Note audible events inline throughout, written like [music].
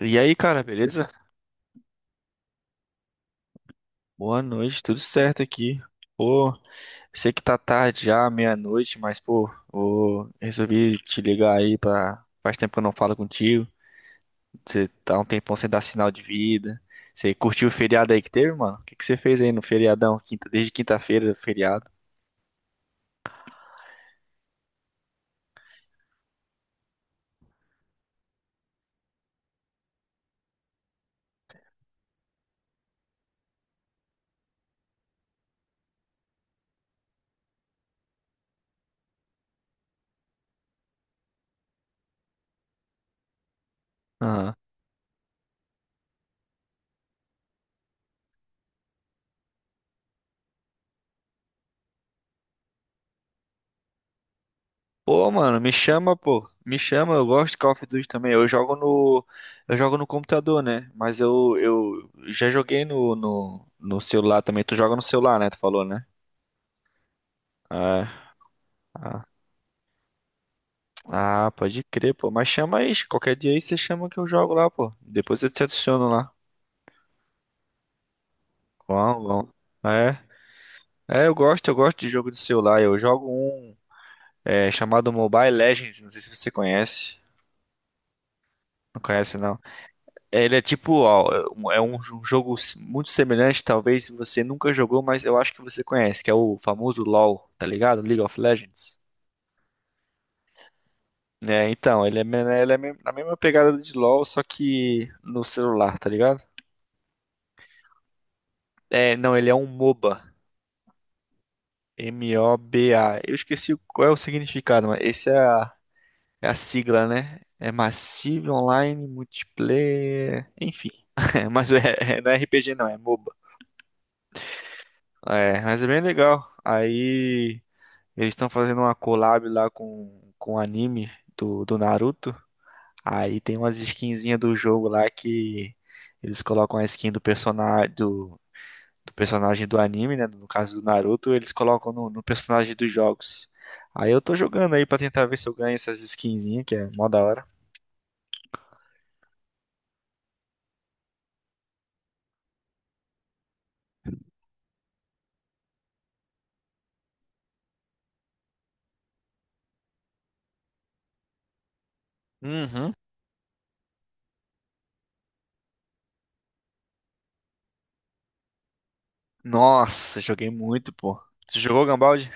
E aí, cara, beleza? Boa noite, tudo certo aqui. Pô, sei que tá tarde já, meia-noite, mas pô, ô, resolvi te ligar aí pra. Faz tempo que eu não falo contigo. Você tá um tempão sem dar sinal de vida. Você curtiu o feriado aí que teve, mano? O que que você fez aí no feriadão? Desde quinta-feira, feriado. Aham. Pô, mano, me chama, pô. Me chama, eu gosto de Call of Duty também. Eu jogo no computador, né? Mas eu já joguei no celular também. Tu joga no celular, né? Tu falou, né? Ah, ah, ah, pode crer, pô. Mas chama aí, qualquer dia aí você chama que eu jogo lá, pô. Depois eu te adiciono lá. Vamos, vamos. É, eu gosto de jogo de celular. Eu jogo um chamado Mobile Legends, não sei se você conhece. Não conhece, não. Ele é tipo, ó, é um jogo muito semelhante, talvez você nunca jogou, mas eu acho que você conhece, que é o famoso LoL, tá ligado? League of Legends. Então, ele é na mesma pegada de LoL, só que no celular, tá ligado? É, não, ele é um MOBA. M-O-B-A. Eu esqueci qual é o significado, mas esse é a sigla, né? É Massive Online Multiplayer. Enfim. [laughs] Mas não é RPG, não, é MOBA. Mas é bem legal. Aí eles estão fazendo uma collab lá com o anime do Naruto. Aí tem umas skinzinhas do jogo lá que eles colocam a skin do personagem do personagem do anime, né? No caso do Naruto, eles colocam no personagem dos jogos. Aí eu tô jogando aí pra tentar ver se eu ganho essas skinzinhas, que é mó da hora. Uhum. Nossa, joguei muito, pô. Tu jogou Gambaldi?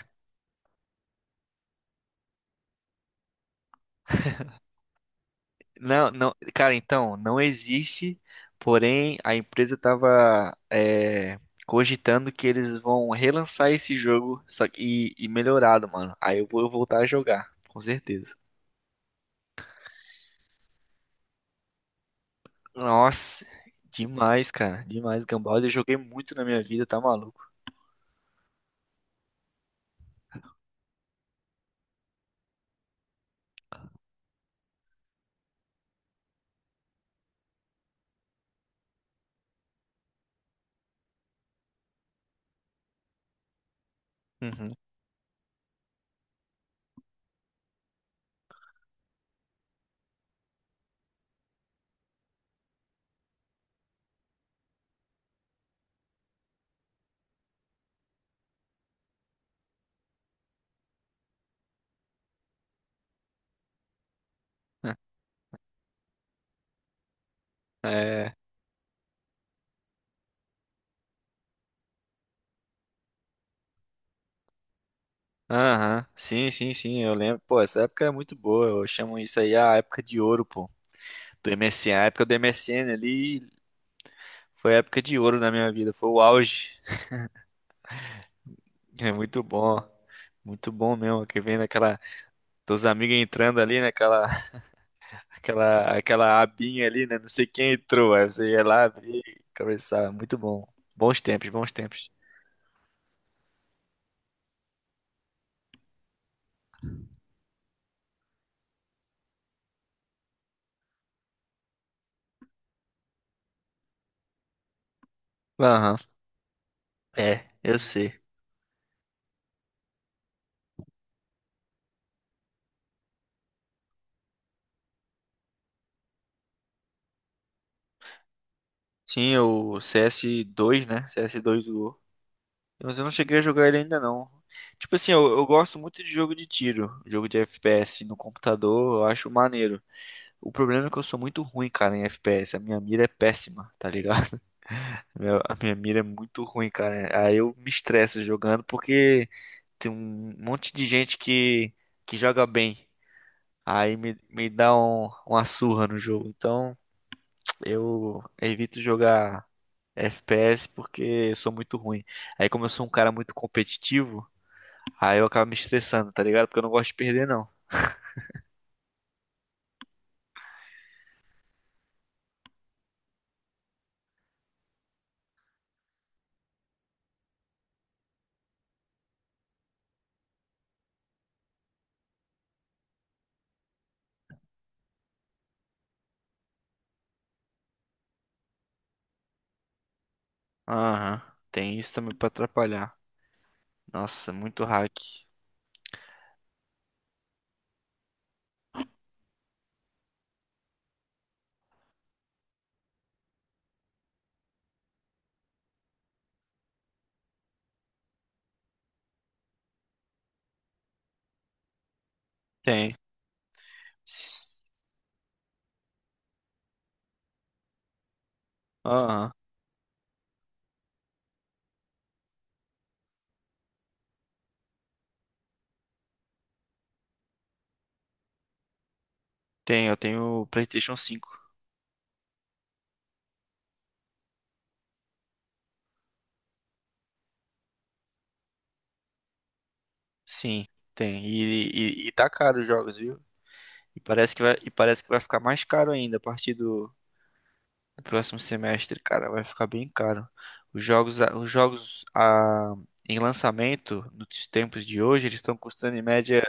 Não, não, cara, então, não existe, porém a empresa tava cogitando que eles vão relançar esse jogo só que, e melhorado, mano. Aí eu vou voltar a jogar, com certeza. Nossa, demais, cara. Demais, Gambald. Eu joguei muito na minha vida, tá maluco? Uhum. [laughs] É. Aham. Sim, sim, sim, eu lembro. Pô, essa época é muito boa. Eu chamo isso aí a época de ouro, pô. Do MSN. A época do MSN ali foi a época de ouro na minha vida. Foi o auge. É muito bom. Muito bom mesmo, que vem naquela, teus amigos entrando ali, naquela, [laughs] aquela abinha ali, né? Não sei quem entrou, aí você ia lá abrir e conversar. Muito bom. Bons tempos, bons tempos. Aham. É, eu sei. Tinha o CS2, né? CS2 Go. Mas eu não cheguei a jogar ele ainda não. Tipo assim, eu gosto muito de jogo de tiro, jogo de FPS no computador, eu acho maneiro. O problema é que eu sou muito ruim, cara, em FPS. A minha mira é péssima, tá ligado? A minha mira é muito ruim, cara. Aí eu me estresso jogando porque tem um monte de gente que joga bem. Aí me dá uma surra no jogo. Então eu evito jogar FPS porque eu sou muito ruim. Aí como eu sou um cara muito competitivo, aí eu acabo me estressando, tá ligado? Porque eu não gosto de perder, não. Aham. Tem isso também pra atrapalhar. Nossa, muito hack. Tem. Aham. Tem, eu tenho o PlayStation 5. Sim, tem. E tá caro os jogos, viu? E parece que vai ficar mais caro ainda a partir do próximo semestre, cara. Vai ficar bem caro. Os jogos em lançamento nos tempos de hoje, eles estão custando em média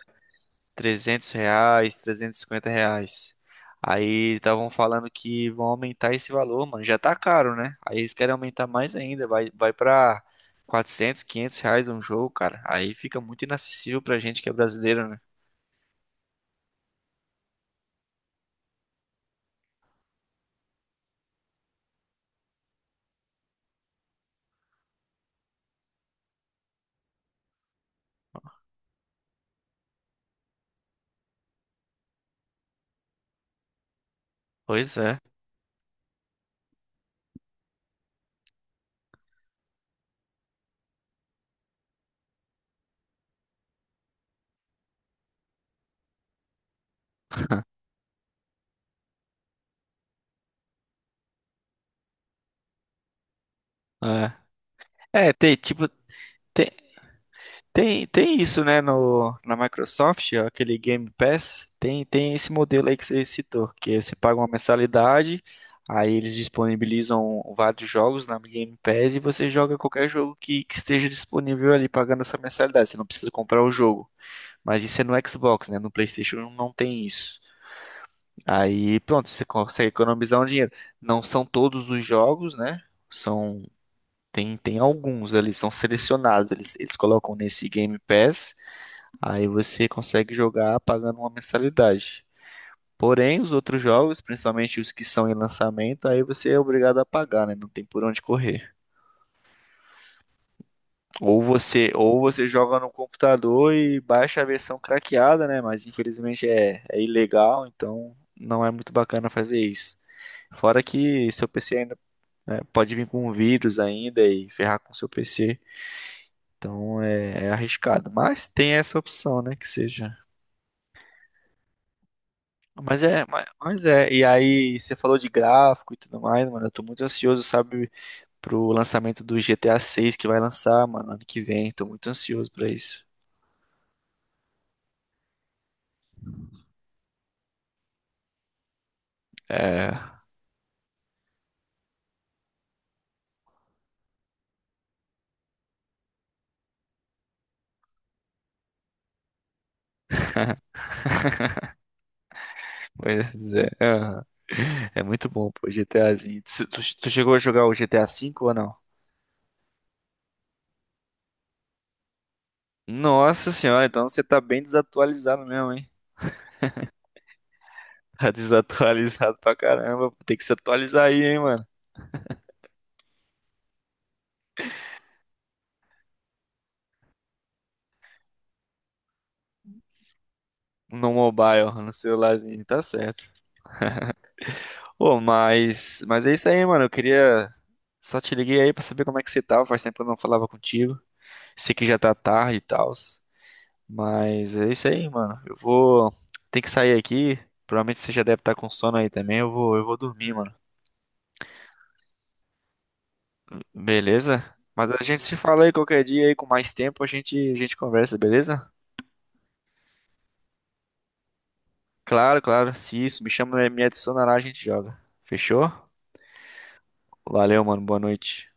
R$ 300, R$ 350. Aí estavam falando que vão aumentar esse valor, mano. Já tá caro, né? Aí eles querem aumentar mais ainda. Vai pra R$ 400, R$ 500 um jogo, cara. Aí fica muito inacessível pra gente que é brasileiro, né? Pois é. É, tem, tipo, tem, tem isso, né, no, na Microsoft, ó, aquele Game Pass, tem esse modelo aí que você citou, que você paga uma mensalidade, aí eles disponibilizam vários jogos na Game Pass e você joga qualquer jogo que esteja disponível ali pagando essa mensalidade, você não precisa comprar o jogo. Mas isso é no Xbox, né, no PlayStation não tem isso. Aí, pronto, você consegue economizar um dinheiro. Não são todos os jogos, né? São tem alguns ali, são selecionados. Eles colocam nesse Game Pass, aí você consegue jogar pagando uma mensalidade. Porém, os outros jogos, principalmente os que são em lançamento, aí você é obrigado a pagar, né? Não tem por onde correr. Ou você joga no computador e baixa a versão craqueada, né? Mas infelizmente é ilegal, então não é muito bacana fazer isso. Fora que seu PC ainda, né, pode vir com vírus ainda e ferrar com seu PC. Então é arriscado. Mas tem essa opção, né? Que seja. Mas é. E aí, você falou de gráfico e tudo mais, mano. Eu tô muito ansioso, sabe, pro lançamento do GTA 6 que vai lançar, mano, ano que vem. Tô muito ansioso pra isso. É, pois é. [laughs] Aham. É muito bom, pô, GTAzinho. Tu chegou a jogar o GTA V ou não? Nossa senhora, então você tá bem desatualizado mesmo, hein? [laughs] Tá desatualizado pra caramba. Tem que se atualizar aí, hein, mano. No mobile, [laughs] no celularzinho, tá certo. Ô, mas é isso aí, mano. Eu queria. Só te liguei aí pra saber como é que você tava. Faz tempo que eu não falava contigo. Sei que já tá tarde e tal. Mas é isso aí, mano. Eu vou. Tem que sair aqui. Provavelmente você já deve estar com sono aí também. Eu vou dormir, mano. Beleza? Mas a gente se fala aí qualquer dia aí com mais tempo. A gente conversa, beleza? Claro, claro. Se isso, me chama, me adiciona lá, a gente joga. Fechou? Valeu, mano. Boa noite.